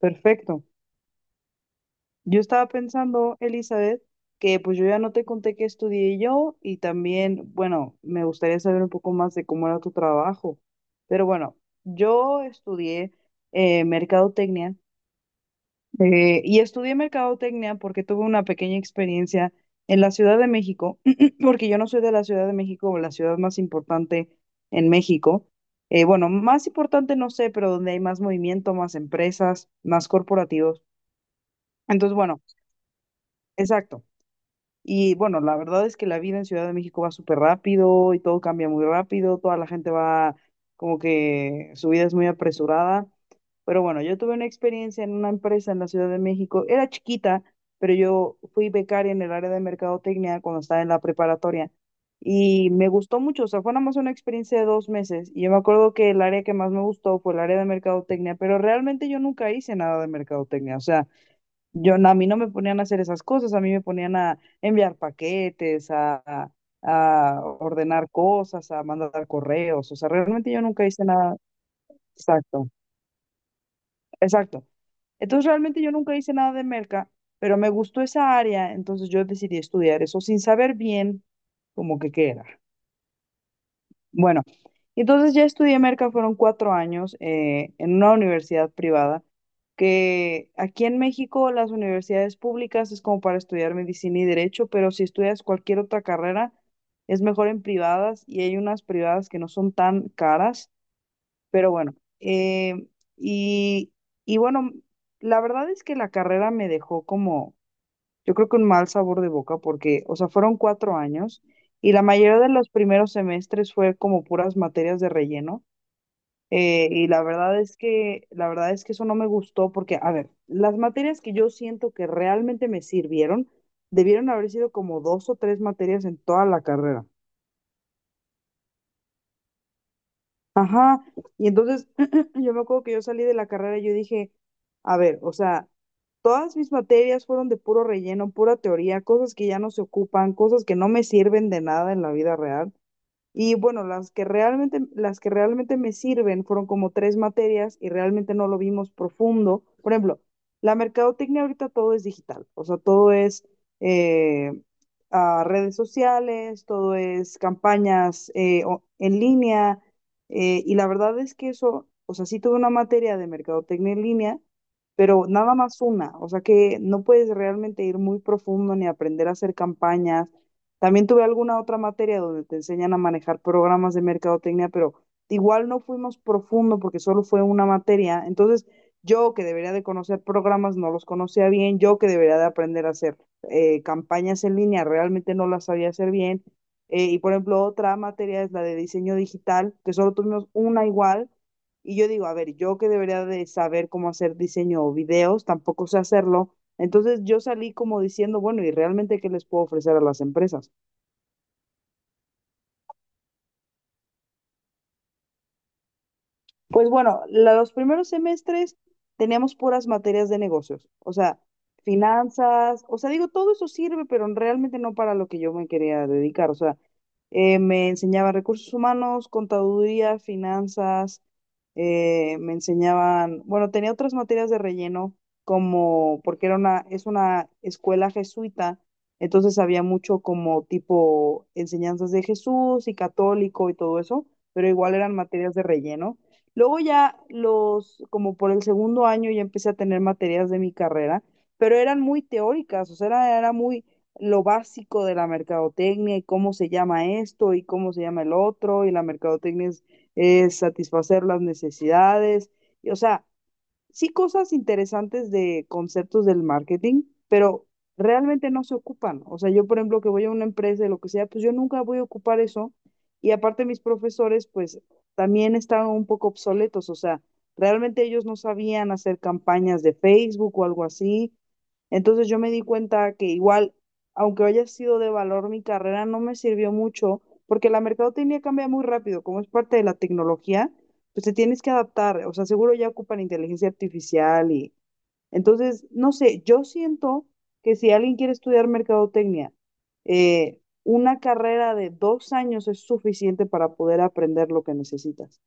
Perfecto. Yo estaba pensando, Elizabeth, que pues yo ya no te conté que estudié yo y también, bueno, me gustaría saber un poco más de cómo era tu trabajo. Pero bueno, yo estudié mercadotecnia, y estudié mercadotecnia porque tuve una pequeña experiencia en la Ciudad de México, porque yo no soy de la Ciudad de México o la ciudad más importante en México. Bueno, más importante no sé, pero donde hay más movimiento, más empresas, más corporativos. Entonces, bueno. Exacto. Y bueno, la verdad es que la vida en Ciudad de México va súper rápido y todo cambia muy rápido, toda la gente va como que su vida es muy apresurada. Pero bueno, yo tuve una experiencia en una empresa en la Ciudad de México, era chiquita, pero yo fui becaria en el área de mercadotecnia cuando estaba en la preparatoria y me gustó mucho, o sea, fue nada más una experiencia de 2 meses y yo me acuerdo que el área que más me gustó fue el área de mercadotecnia, pero realmente yo nunca hice nada de mercadotecnia, o sea... Yo, no, a mí no me ponían a hacer esas cosas, a mí me ponían a enviar paquetes, a ordenar cosas, a mandar correos, o sea, realmente yo nunca hice nada. Exacto, exacto. Entonces realmente yo nunca hice nada de merca, pero me gustó esa área, entonces yo decidí estudiar eso sin saber bien como que qué era. Bueno, entonces ya estudié merca, fueron 4 años en una universidad privada, que aquí en México las universidades públicas es como para estudiar medicina y derecho, pero si estudias cualquier otra carrera es mejor en privadas y hay unas privadas que no son tan caras, pero bueno, eh, y, y bueno, la verdad es que la carrera me dejó como yo creo que un mal sabor de boca porque, o sea, fueron 4 años y la mayoría de los primeros semestres fue como puras materias de relleno. Y la verdad es que, la verdad es que eso no me gustó porque, a ver, las materias que yo siento que realmente me sirvieron, debieron haber sido como 2 o 3 materias en toda la carrera. Ajá, y entonces yo me acuerdo que yo salí de la carrera y yo dije, a ver, o sea, todas mis materias fueron de puro relleno, pura teoría, cosas que ya no se ocupan, cosas que no me sirven de nada en la vida real. Y bueno, las que realmente me sirven fueron como 3 materias y realmente no lo vimos profundo. Por ejemplo, la mercadotecnia ahorita todo es digital, o sea, todo es eh, a redes sociales, todo es campañas en línea. Y la verdad es que eso, o sea, sí tuve una materia de mercadotecnia en línea, pero nada más una, o sea que no puedes realmente ir muy profundo ni aprender a hacer campañas. También tuve alguna otra materia donde te enseñan a manejar programas de mercadotecnia, pero igual no fuimos profundo porque solo fue una materia. Entonces, yo que debería de conocer programas no los conocía bien, yo que debería de aprender a hacer campañas en línea realmente no las sabía hacer bien. Y por ejemplo, otra materia es la de diseño digital, que solo tuvimos una igual. Y yo digo, a ver, yo que debería de saber cómo hacer diseño o videos, tampoco sé hacerlo. Entonces yo salí como diciendo, bueno, ¿y realmente qué les puedo ofrecer a las empresas? Pues bueno, los primeros semestres teníamos puras materias de negocios, o sea, finanzas, o sea, digo, todo eso sirve, pero realmente no para lo que yo me quería dedicar, o sea, me enseñaban recursos humanos, contaduría, finanzas, me enseñaban, bueno, tenía otras materias de relleno, como, porque es una escuela jesuita, entonces había mucho como tipo enseñanzas de Jesús y católico y todo eso, pero igual eran materias de relleno. Luego ya los, como por el segundo año ya empecé a tener materias de mi carrera, pero eran muy teóricas, o sea, era muy lo básico de la mercadotecnia y cómo se llama esto y cómo se llama el otro, y la mercadotecnia es satisfacer las necesidades, y, o sea, sí cosas interesantes de conceptos del marketing, pero realmente no se ocupan. O sea, yo, por ejemplo, que voy a una empresa y lo que sea, pues yo nunca voy a ocupar eso. Y aparte mis profesores, pues también estaban un poco obsoletos. O sea, realmente ellos no sabían hacer campañas de Facebook o algo así. Entonces yo me di cuenta que igual, aunque haya sido de valor mi carrera, no me sirvió mucho porque la mercadotecnia cambia muy rápido, como es parte de la tecnología pues te tienes que adaptar, o sea, seguro ya ocupan inteligencia artificial y entonces, no sé, yo siento que si alguien quiere estudiar mercadotecnia, una carrera de 2 años es suficiente para poder aprender lo que necesitas.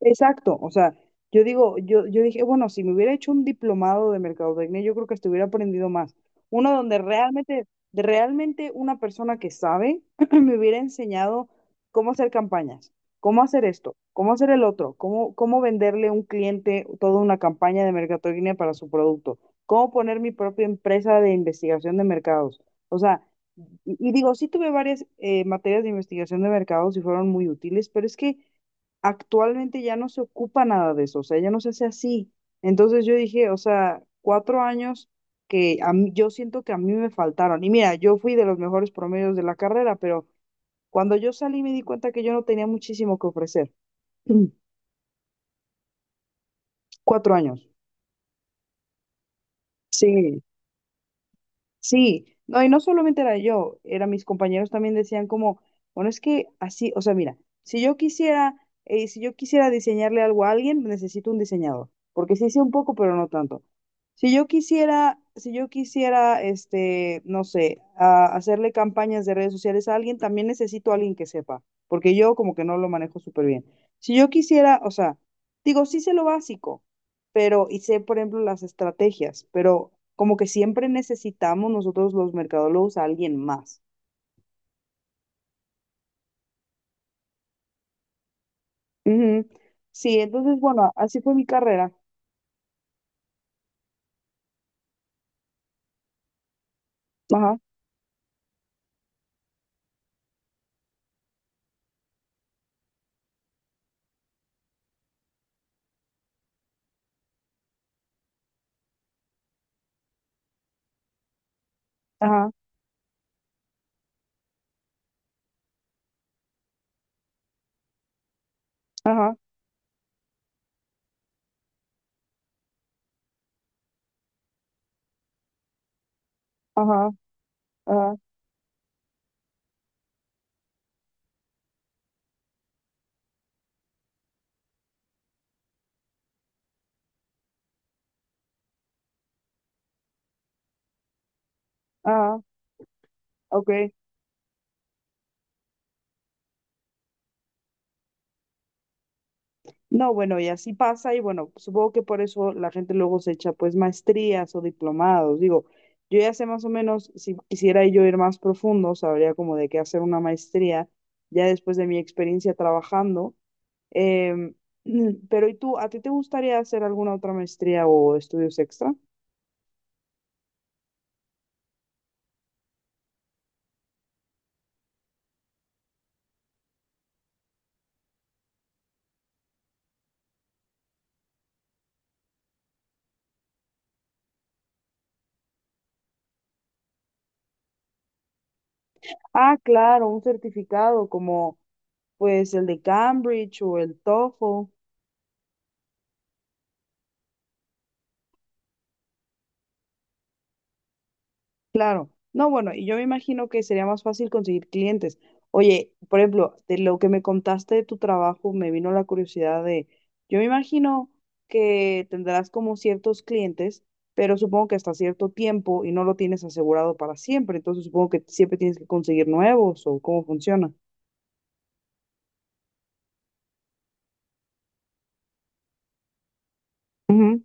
Exacto, o sea, yo digo, yo dije, bueno, si me hubiera hecho un diplomado de mercadotecnia, yo creo que estuviera aprendido más. Uno donde realmente, realmente una persona que sabe me hubiera enseñado cómo hacer campañas, cómo hacer esto, cómo hacer el otro, cómo venderle a un cliente toda una campaña de mercadotecnia para su producto, cómo poner mi propia empresa de investigación de mercados. O sea, y digo, sí tuve varias materias de investigación de mercados y fueron muy útiles, pero es que actualmente ya no se ocupa nada de eso, o sea, ya no se hace así. Entonces yo dije, o sea, 4 años yo siento que a mí me faltaron. Y mira, yo fui de los mejores promedios de la carrera, pero cuando yo salí me di cuenta que yo no tenía muchísimo que ofrecer. 4 años. Sí. Sí, no, y no solamente era yo, era mis compañeros también decían como, bueno, es que así, o sea, mira, si yo quisiera, si yo quisiera diseñarle algo a alguien, necesito un diseñador, porque sí sé un poco, pero no tanto. Si yo quisiera, este, no sé, hacerle campañas de redes sociales a alguien, también necesito a alguien que sepa, porque yo como que no lo manejo súper bien. Si yo quisiera, o sea, digo, sí sé lo básico, pero, y sé, por ejemplo, las estrategias, pero como que siempre necesitamos nosotros los mercadólogos a alguien más. Ujú. Sí, entonces, bueno, así fue mi carrera. Ajá, ajá, ajá, ajá, ajá, ajá, ok. No, bueno, y así pasa, y bueno, supongo que por eso la gente luego se echa pues maestrías o diplomados. Digo, yo ya sé más o menos, si quisiera yo ir más profundo, sabría como de qué hacer una maestría, ya después de mi experiencia trabajando. Em, pero ¿y tú, a ti te gustaría hacer alguna otra maestría o estudios extra? Ah, claro, un certificado como pues el de Cambridge o el TOEFL. Claro. No, bueno, y yo me imagino que sería más fácil conseguir clientes. Oye, por ejemplo, de lo que me contaste de tu trabajo, me vino la curiosidad de, yo me imagino que tendrás como ciertos clientes, pero supongo que hasta cierto tiempo y no lo tienes asegurado para siempre, entonces supongo que siempre tienes que conseguir nuevos o cómo funciona. Ujú,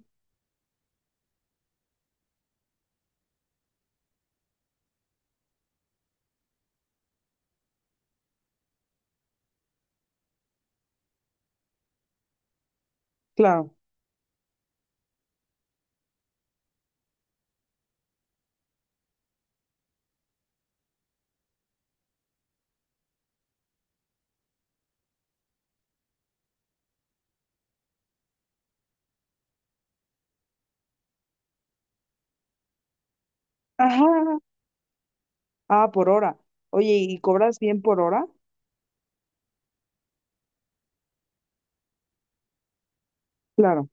claro. Ajá. Ah, por hora. Oye, ¿y cobras bien por hora? Claro,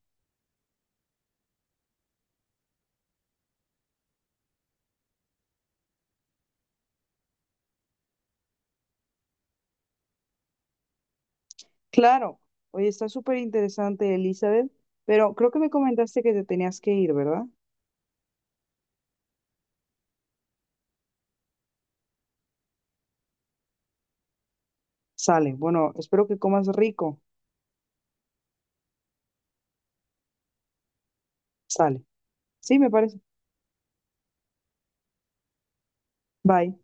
claro. Oye, está súper interesante, Elizabeth, pero creo que me comentaste que te tenías que ir, ¿verdad? Sale. Bueno, espero que comas rico. Sale. Sí, me parece. Bye.